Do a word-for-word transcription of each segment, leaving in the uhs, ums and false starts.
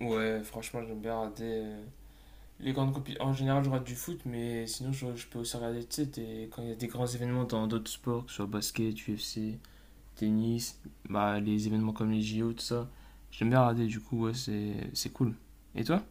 Ouais, franchement, j'aime bien regarder euh, les grandes compétitions. En général, je regarde du foot, mais sinon, je, je peux aussi regarder, tu sais, des- quand il y a des grands événements dans d'autres sports, que ce soit basket, U F C, tennis, bah, les événements comme les J o tout ça. J'aime bien regarder, du coup, ouais, c'est, c'est cool. Et toi?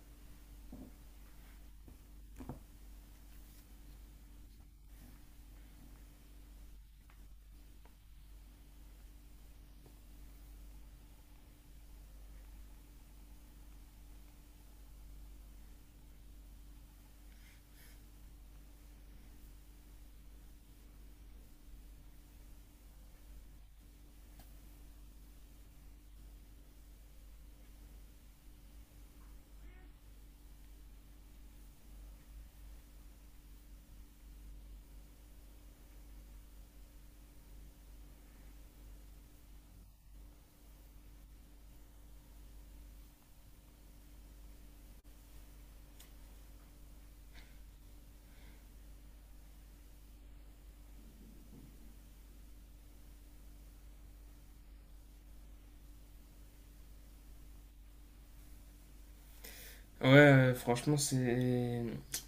Ouais, euh, franchement, c'est,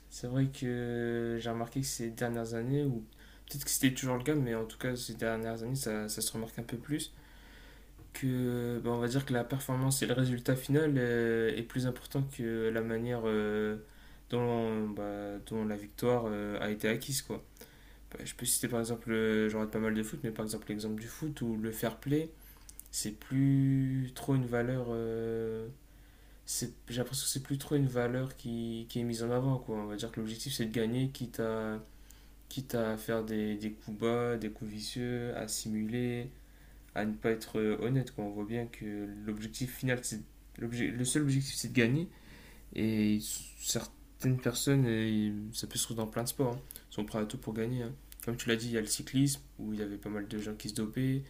c'est vrai que j'ai remarqué que ces dernières années, ou peut-être que c'était toujours le cas, mais en tout cas, ces dernières années, ça, ça se remarque un peu plus, que ben, on va dire que la performance et le résultat final euh, est plus important que la manière euh, dont, bah, dont la victoire euh, a été acquise quoi. Bah, Je peux citer par exemple, euh, j'en rate pas mal de foot, mais par exemple l'exemple du foot où le fair play, c'est plus trop une valeur, euh, c'est- j'ai l'impression que c'est plus trop une valeur qui, qui est mise en avant quoi. On va dire que l'objectif, c'est de gagner, quitte à, quitte à faire des, des coups bas, des coups vicieux, à simuler, à ne pas être euh, honnête. Quoi. On voit bien que l'objectif final, c'est le seul objectif, c'est de gagner. Et certaines personnes, euh, ça peut se trouver dans plein de sports, hein, sont prêts à tout pour gagner, hein. Comme tu l'as dit, il y a le cyclisme, où il y avait pas mal de gens qui se dopaient,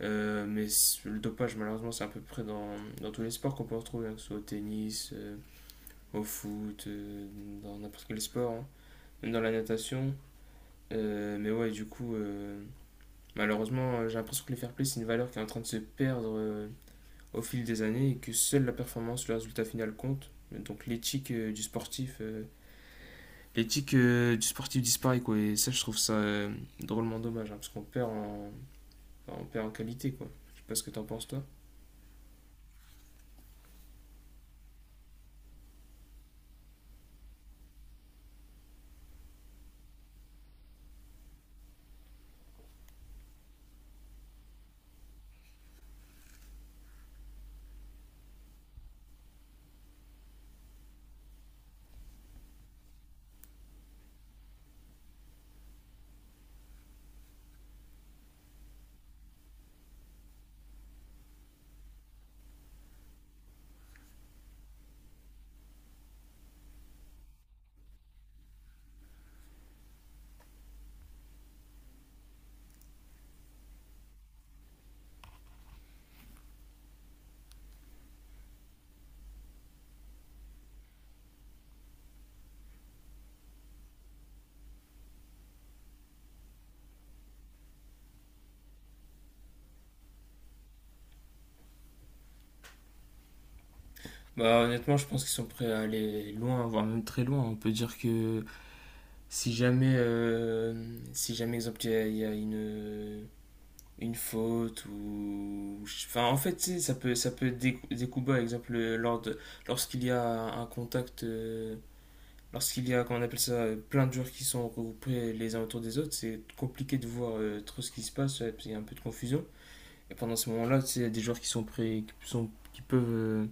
euh, mais le dopage, malheureusement, c'est à peu près dans, dans tous les sports qu'on peut retrouver, hein, que ce soit au tennis, euh, au foot, euh, dans n'importe quel sport, hein, même dans la natation. Euh, mais ouais, du coup, euh, malheureusement, euh, j'ai l'impression que le fair play, c'est une valeur qui est en train de se perdre, euh, au fil des années, et que seule la performance, le résultat final compte. Donc l'éthique euh, du sportif, euh, l'éthique euh, du sportif disparaît quoi. Et ça, je trouve ça euh, drôlement dommage, hein, parce qu'on perd en, on perd en qualité quoi. Je sais pas ce que t'en penses toi. Bah, honnêtement, je pense qu'ils sont prêts à aller loin, voire même très loin. On peut dire que si jamais, euh, si jamais exemple il y a, il y a une une faute, ou enfin en fait tu sais, ça peut ça peut être des, des coups bas, exemple lors de- lorsqu'il y a un contact, euh, lorsqu'il y a, comment on appelle ça, euh, plein de joueurs qui sont regroupés les uns autour des autres, c'est compliqué de voir euh, trop ce qui se passe, ouais, parce qu'il y a un peu de confusion. Et pendant ce moment-là, tu sais, il y a des joueurs qui sont prêts, qui, sont, qui peuvent euh,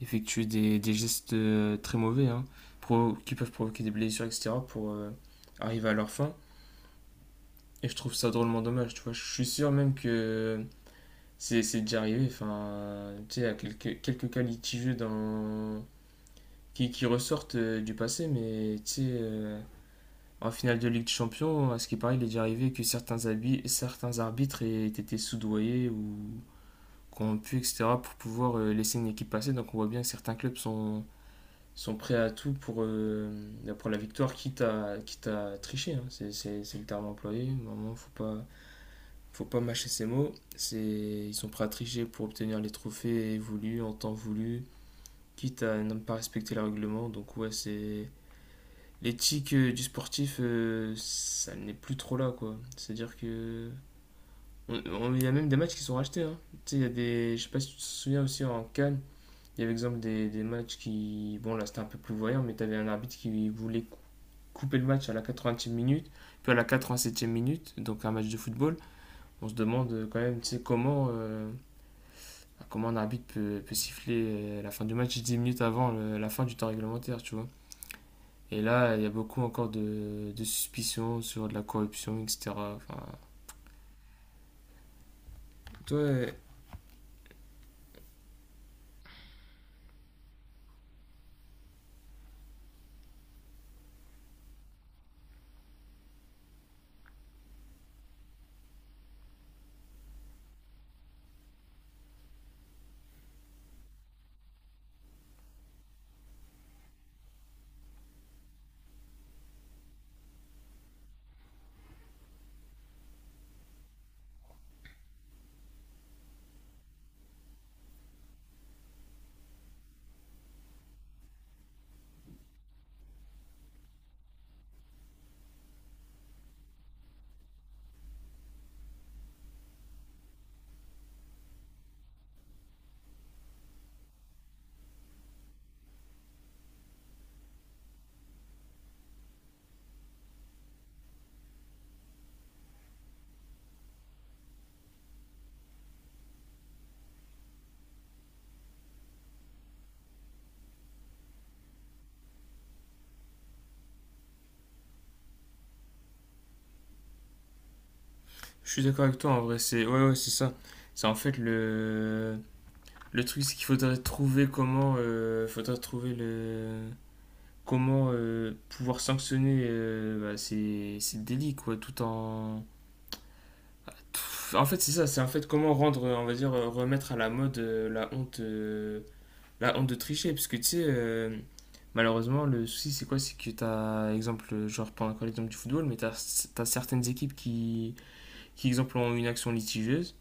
effectuer des, des gestes euh, très mauvais, hein, pro- qui peuvent provoquer des blessures, et cetera, pour euh, arriver à leur fin. Et je trouve ça drôlement dommage, tu vois. Je suis sûr même que c'est c'est déjà arrivé, enfin, tu sais, il y a quelques, quelques cas litigieux dans, qui, qui ressortent euh, du passé, mais tu sais, euh, en finale de Ligue des Champions, à ce qui paraît, il est déjà arrivé que certains, certains arbitres aient été soudoyés ou corrompus, et cetera, pour pouvoir euh, laisser une équipe passer. Donc on voit bien que certains clubs sont, sont prêts à tout pour, euh, pour la victoire, quitte à, quitte à tricher, hein. C'est, c'est- c'est le terme employé. Normalement, faut pas, faut pas mâcher ces mots. C'est, ils sont prêts à tricher pour obtenir les trophées voulus en temps voulu, quitte à ne pas respecter le règlement. Donc ouais, c'est l'éthique euh, du sportif, euh, ça n'est plus trop là, quoi. C'est-à-dire que, on- on- Il y a même des matchs qui sont rachetés, hein. Tu sais, il y a des. Je sais pas si tu te souviens aussi en Cannes, il y avait exemple des, des matchs qui. Bon, là c'était un peu plus voyant, mais t'avais un arbitre qui voulait cou- couper le match à la quatre-vingtième minute, puis à la quatre-vingt-septième minute, donc un match de football. On se demande euh, quand même, tu sais, comment. euh, Comment un arbitre peut, peut siffler euh, la fin du match dix minutes avant le- la fin du temps réglementaire, tu vois. Et là, il y a beaucoup encore de, de suspicions sur de la corruption, et cetera. Enfin, toi, je suis d'accord avec toi, en vrai, c'est ouais, ouais, c'est ça. C'est en fait le, le truc, c'est qu'il faudrait trouver comment, euh, faudrait trouver le comment euh, pouvoir sanctionner euh, bah, ces, ces délits, quoi, tout en en fait, c'est ça, c'est en fait comment rendre, on va dire, remettre à la mode, euh, la honte euh, la honte de tricher, parce que tu sais, euh, malheureusement, le souci, c'est quoi? C'est que t'as, exemple, genre prends encore l'exemple du football, mais t'as, t'as certaines équipes qui, qui, exemple, ont une action litigieuse,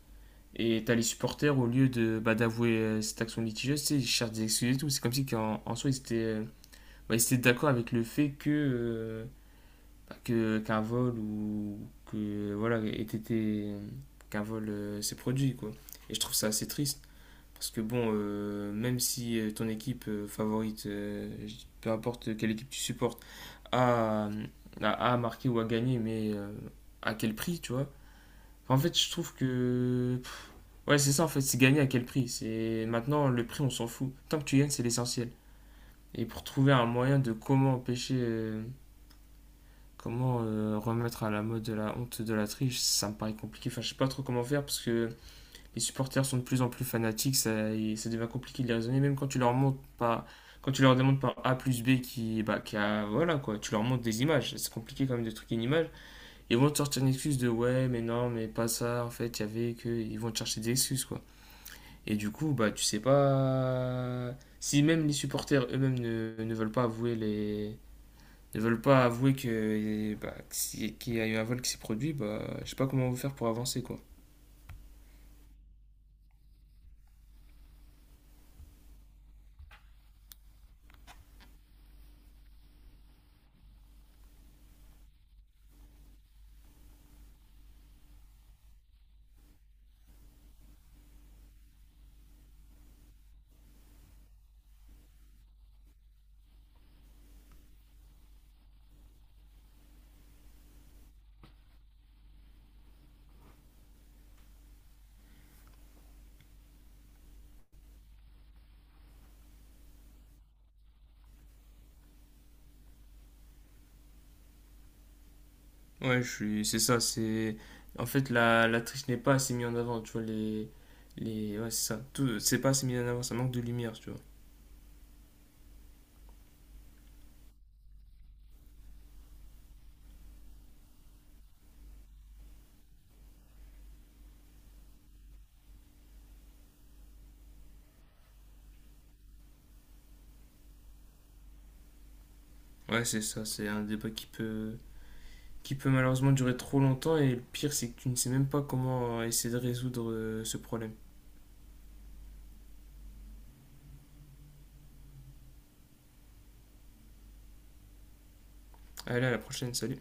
et t'as les supporters, au lieu de, bah, d'avouer euh, cette action litigieuse, tu sais, ils cherchent des excuses et tout. C'est comme si qu'en, en soi, ils étaient, euh, bah, ils étaient d'accord avec le fait que, euh, bah, que, qu'un vol ou que, voilà, ait été, qu'un vol euh, s'est produit, quoi. Et je trouve ça assez triste. Parce que bon, euh, même si euh, ton équipe euh, favorite, euh, peu importe quelle équipe tu supportes, a, euh, a, a marqué ou a gagné, mais euh, à quel prix, tu vois? Enfin, en fait, je trouve que... pff, Ouais, c'est ça, en fait, c'est gagner à quel prix. C'est... Maintenant, le prix, on s'en fout. Tant que tu gagnes, c'est l'essentiel. Et pour trouver un moyen de comment empêcher... euh, Comment euh, remettre à la mode de la honte de la triche, ça me paraît compliqué. Enfin, je sais pas trop comment faire parce que les supporters sont de plus en plus fanatiques, ça, et ça devient compliqué de les raisonner, même quand tu leur montres pas, quand tu leur demandes par A plus B qui, bah, qui a, voilà quoi, tu leur montres des images, c'est compliqué quand même de truquer une image, ils vont te sortir une excuse de ouais, mais non, mais pas ça, en fait, il y avait que, ils vont te chercher des excuses quoi. Et du coup, bah, tu sais pas, si même les supporters eux-mêmes ne, ne veulent pas avouer les, ne veulent pas avouer que, bah, que si- qu'il y a eu un vol qui s'est produit, bah, je sais pas comment on va faire pour avancer quoi. Ouais, je suis, c'est ça, c'est en fait la, la triche n'est pas assez mise en avant, tu vois les les ouais, c'est ça, tout c'est pas assez mis en avant, ça manque de lumière, tu vois. Ouais, c'est ça, c'est un débat qui peut qui peut malheureusement durer trop longtemps, et le pire, c'est que tu ne sais même pas comment essayer de résoudre euh, ce problème. Allez, à la prochaine, salut.